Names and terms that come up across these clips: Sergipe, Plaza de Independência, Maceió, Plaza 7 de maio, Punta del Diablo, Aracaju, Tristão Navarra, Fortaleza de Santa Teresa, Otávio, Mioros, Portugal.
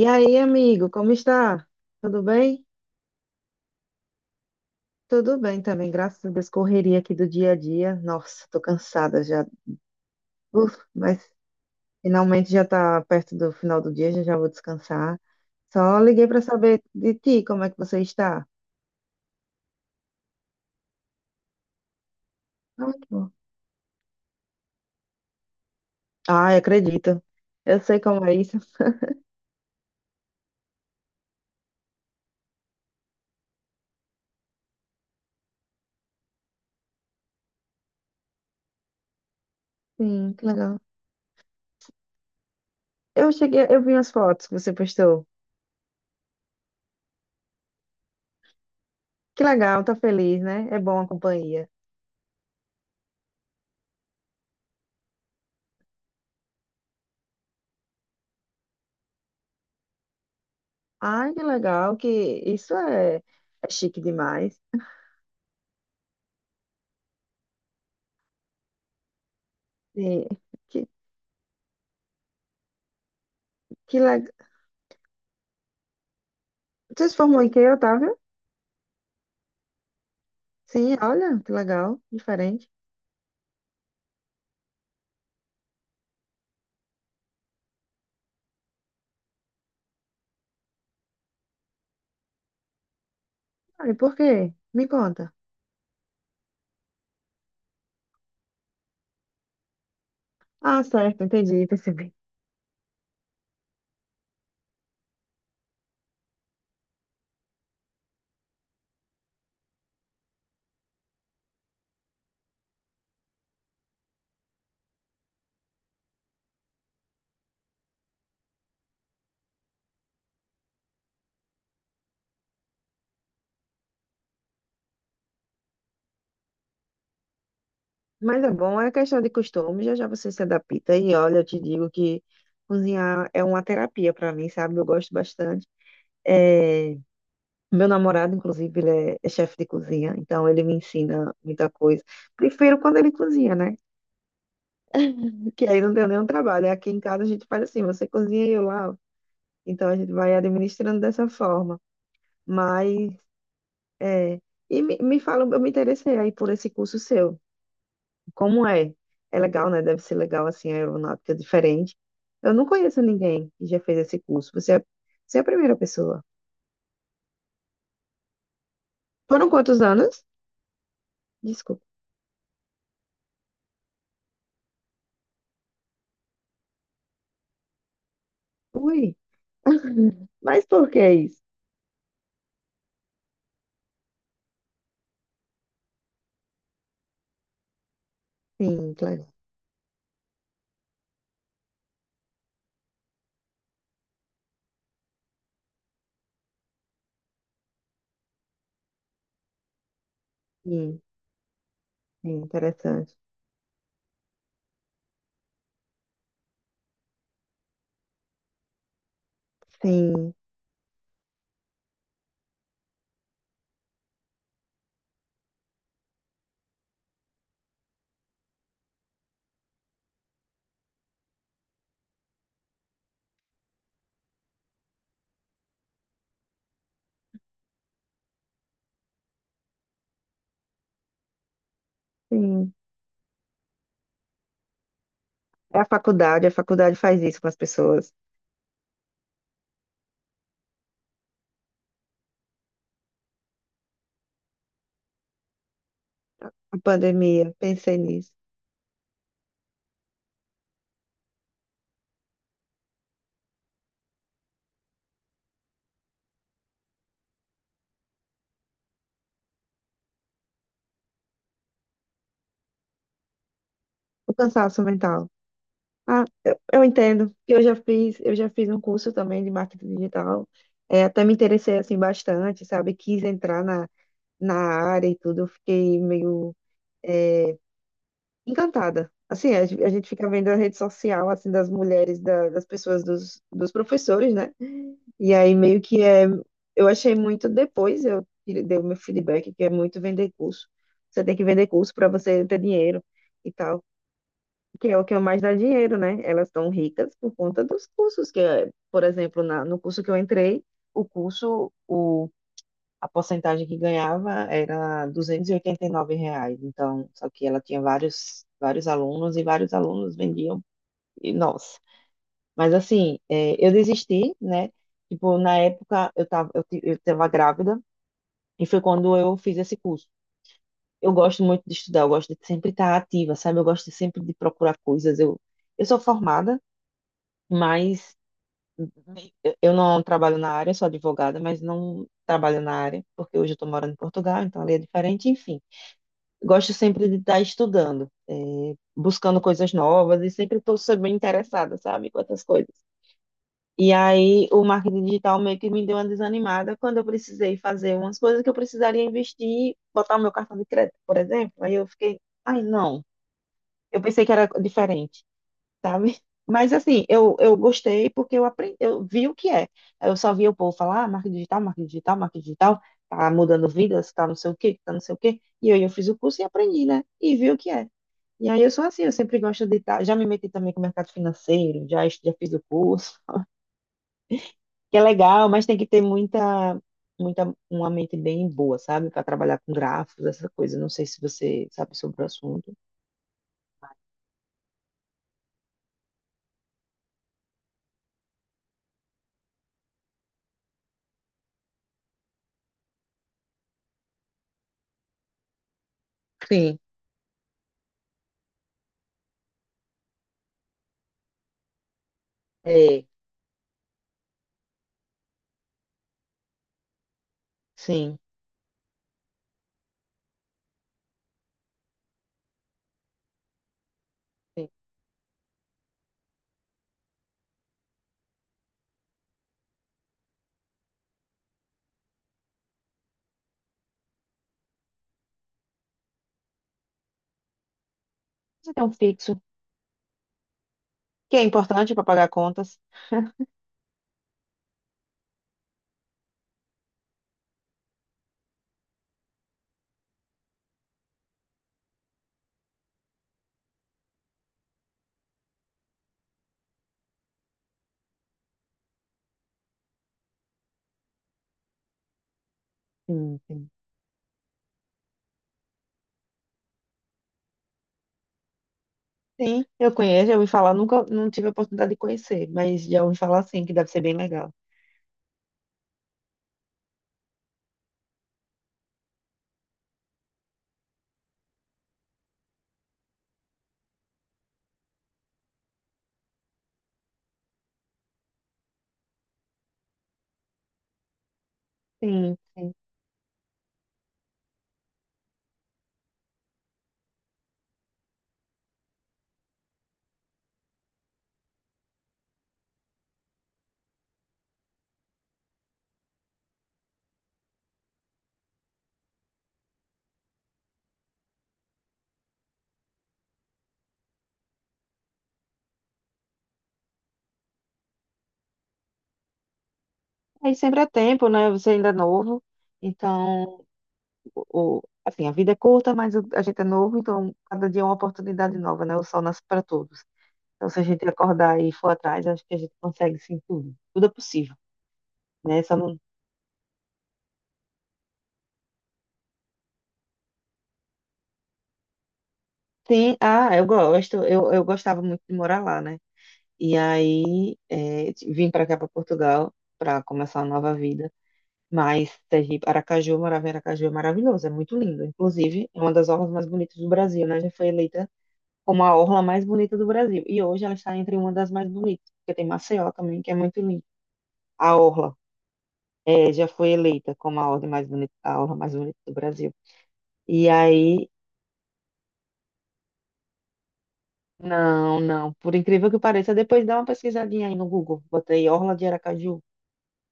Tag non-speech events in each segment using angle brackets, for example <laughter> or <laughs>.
E aí, amigo, como está? Tudo bem? Tudo bem também, graças a Deus, correria aqui do dia a dia. Nossa, tô cansada já. Uf, mas finalmente já tá perto do final do dia, já já vou descansar. Só liguei para saber de ti, como é que você está? Ah, que bom. Ai, acredito. Eu sei como é isso. Sim, que legal. Eu cheguei, eu vi as fotos que você postou. Que legal, tá feliz, né? É bom a companhia. Ai, que legal, que isso é, é chique demais. Sim. Que legal. Você se formou em quê, Otávio? Sim, olha, que legal, diferente. Ah, e por quê? Me conta. Ah, certo, entendi, percebi. Mas é bom, é questão de costume, já já você se adapta. E olha, eu te digo que cozinhar é uma terapia para mim, sabe? Eu gosto bastante. É, meu namorado, inclusive, ele é chefe de cozinha, então ele me ensina muita coisa. Prefiro quando ele cozinha, né? Que aí não tem nenhum trabalho. Aqui em casa a gente faz assim, você cozinha e eu lavo. Então a gente vai administrando dessa forma. Mas é. E me fala, eu me interessei aí por esse curso seu. Como é? É legal, né? Deve ser legal, assim, a aeronáutica é diferente. Eu não conheço ninguém que já fez esse curso. Você é a primeira pessoa. Foram quantos anos? Desculpa. Ui. <laughs> Mas por que isso? Sim, claro. Sim, sim, interessante. Sim, sim. É a faculdade faz isso com as pessoas. A pandemia, pensei nisso. O cansaço mental. Ah, eu entendo. Eu já fiz um curso também de marketing digital. É, até me interessei assim bastante, sabe? Quis entrar na área e tudo. Eu fiquei meio encantada. Assim, a, a gente fica vendo a rede social assim das mulheres, das pessoas, dos professores, né? E aí meio que é, eu achei muito depois eu dei o meu feedback que é muito vender curso. Você tem que vender curso para você ter dinheiro. E tal. Que é o que mais dá dinheiro, né? Elas estão ricas por conta dos cursos, que, é, por exemplo, no curso que eu entrei, o curso, o, a porcentagem que ganhava era duzentos e oitenta e nove reais. Então, só que ela tinha vários, vários alunos e vários alunos vendiam, e, nossa. Mas assim, é, eu desisti, né? Tipo, na época eu tava grávida e foi quando eu fiz esse curso. Eu gosto muito de estudar, eu gosto de sempre estar ativa, sabe? Eu gosto de sempre de procurar coisas. Eu sou formada, mas eu não trabalho na área, sou advogada, mas não trabalho na área, porque hoje eu estou morando em Portugal, então ali é diferente, enfim. Gosto sempre de estar estudando, eh, buscando coisas novas e sempre interessada, sabe, com outras coisas. E aí o marketing digital meio que me deu uma desanimada quando eu precisei fazer umas coisas que eu precisaria investir, botar o meu cartão de crédito, por exemplo. Aí eu fiquei, ai, não. Eu pensei que era diferente, sabe? Mas assim, eu gostei porque eu aprendi, eu vi o que é. Eu só via o povo falar, ah, marketing digital, marketing digital, marketing digital, tá mudando vidas, tá não sei o quê, tá não sei o quê. E aí eu fiz o curso e aprendi, né? E vi o que é. E aí eu sou assim, eu sempre gosto de estar, já me meti também com o mercado financeiro, já, já fiz o curso, <laughs> que é legal, mas tem que ter muita, uma mente bem boa, sabe? Para trabalhar com gráficos, essa coisa. Não sei se você sabe sobre o assunto. Sim, é, sim. Sim. Então, fixo. Que é importante para pagar contas. Sim, sim. Sim, eu conheço, eu ouvi falar, nunca não tive a oportunidade de conhecer, mas já ouvi falar sim, que deve ser bem legal. Sim, sim. Aí sempre é tempo, né? Você ainda é novo, então, assim, a vida é curta, mas a gente é novo, então cada dia é uma oportunidade nova, né? O sol nasce para todos. Então, se a gente acordar e for atrás, acho que a gente consegue sim tudo. Tudo é possível, né? Só não... Sim, ah, eu gosto, eu gostava muito de morar lá, né? E aí é, vim para cá, para Portugal, para começar uma nova vida. Mas Sergipe, Aracaju, eu morava em Aracaju, é maravilhoso, é muito lindo. Inclusive, é uma das orlas mais bonitas do Brasil, né? Já foi eleita como a orla mais bonita do Brasil. E hoje ela está entre uma das mais bonitas, porque tem Maceió também, que é muito lindo. A orla é, já foi eleita como a ordem mais bonita, a orla mais bonita do Brasil. E aí, não, não, por incrível que pareça, depois dá uma pesquisadinha aí no Google. Botei orla de Aracaju.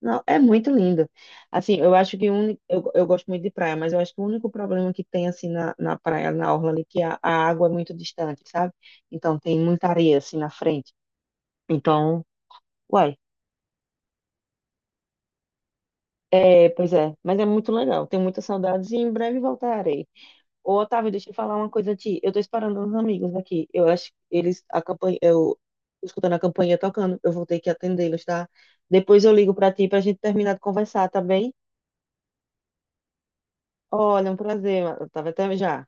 Não, é muito lindo. Assim, eu acho que o único, eu gosto muito de praia, mas eu acho que o único problema que tem assim na praia, na orla ali, que a água é muito distante, sabe? Então tem muita areia assim na frente. Então, uai, é, pois é, mas é muito legal. Tenho muitas saudades e em breve voltarei. Ô, Otávio, deixa eu falar uma coisa a ti. Eu tô esperando uns amigos aqui. Eu acho que eles a campanha, eu escutando a campainha tocando, eu vou ter que atendê-los, tá? Depois eu ligo pra ti pra gente terminar de conversar, tá bem? Olha, é um prazer, Otávio. Até já.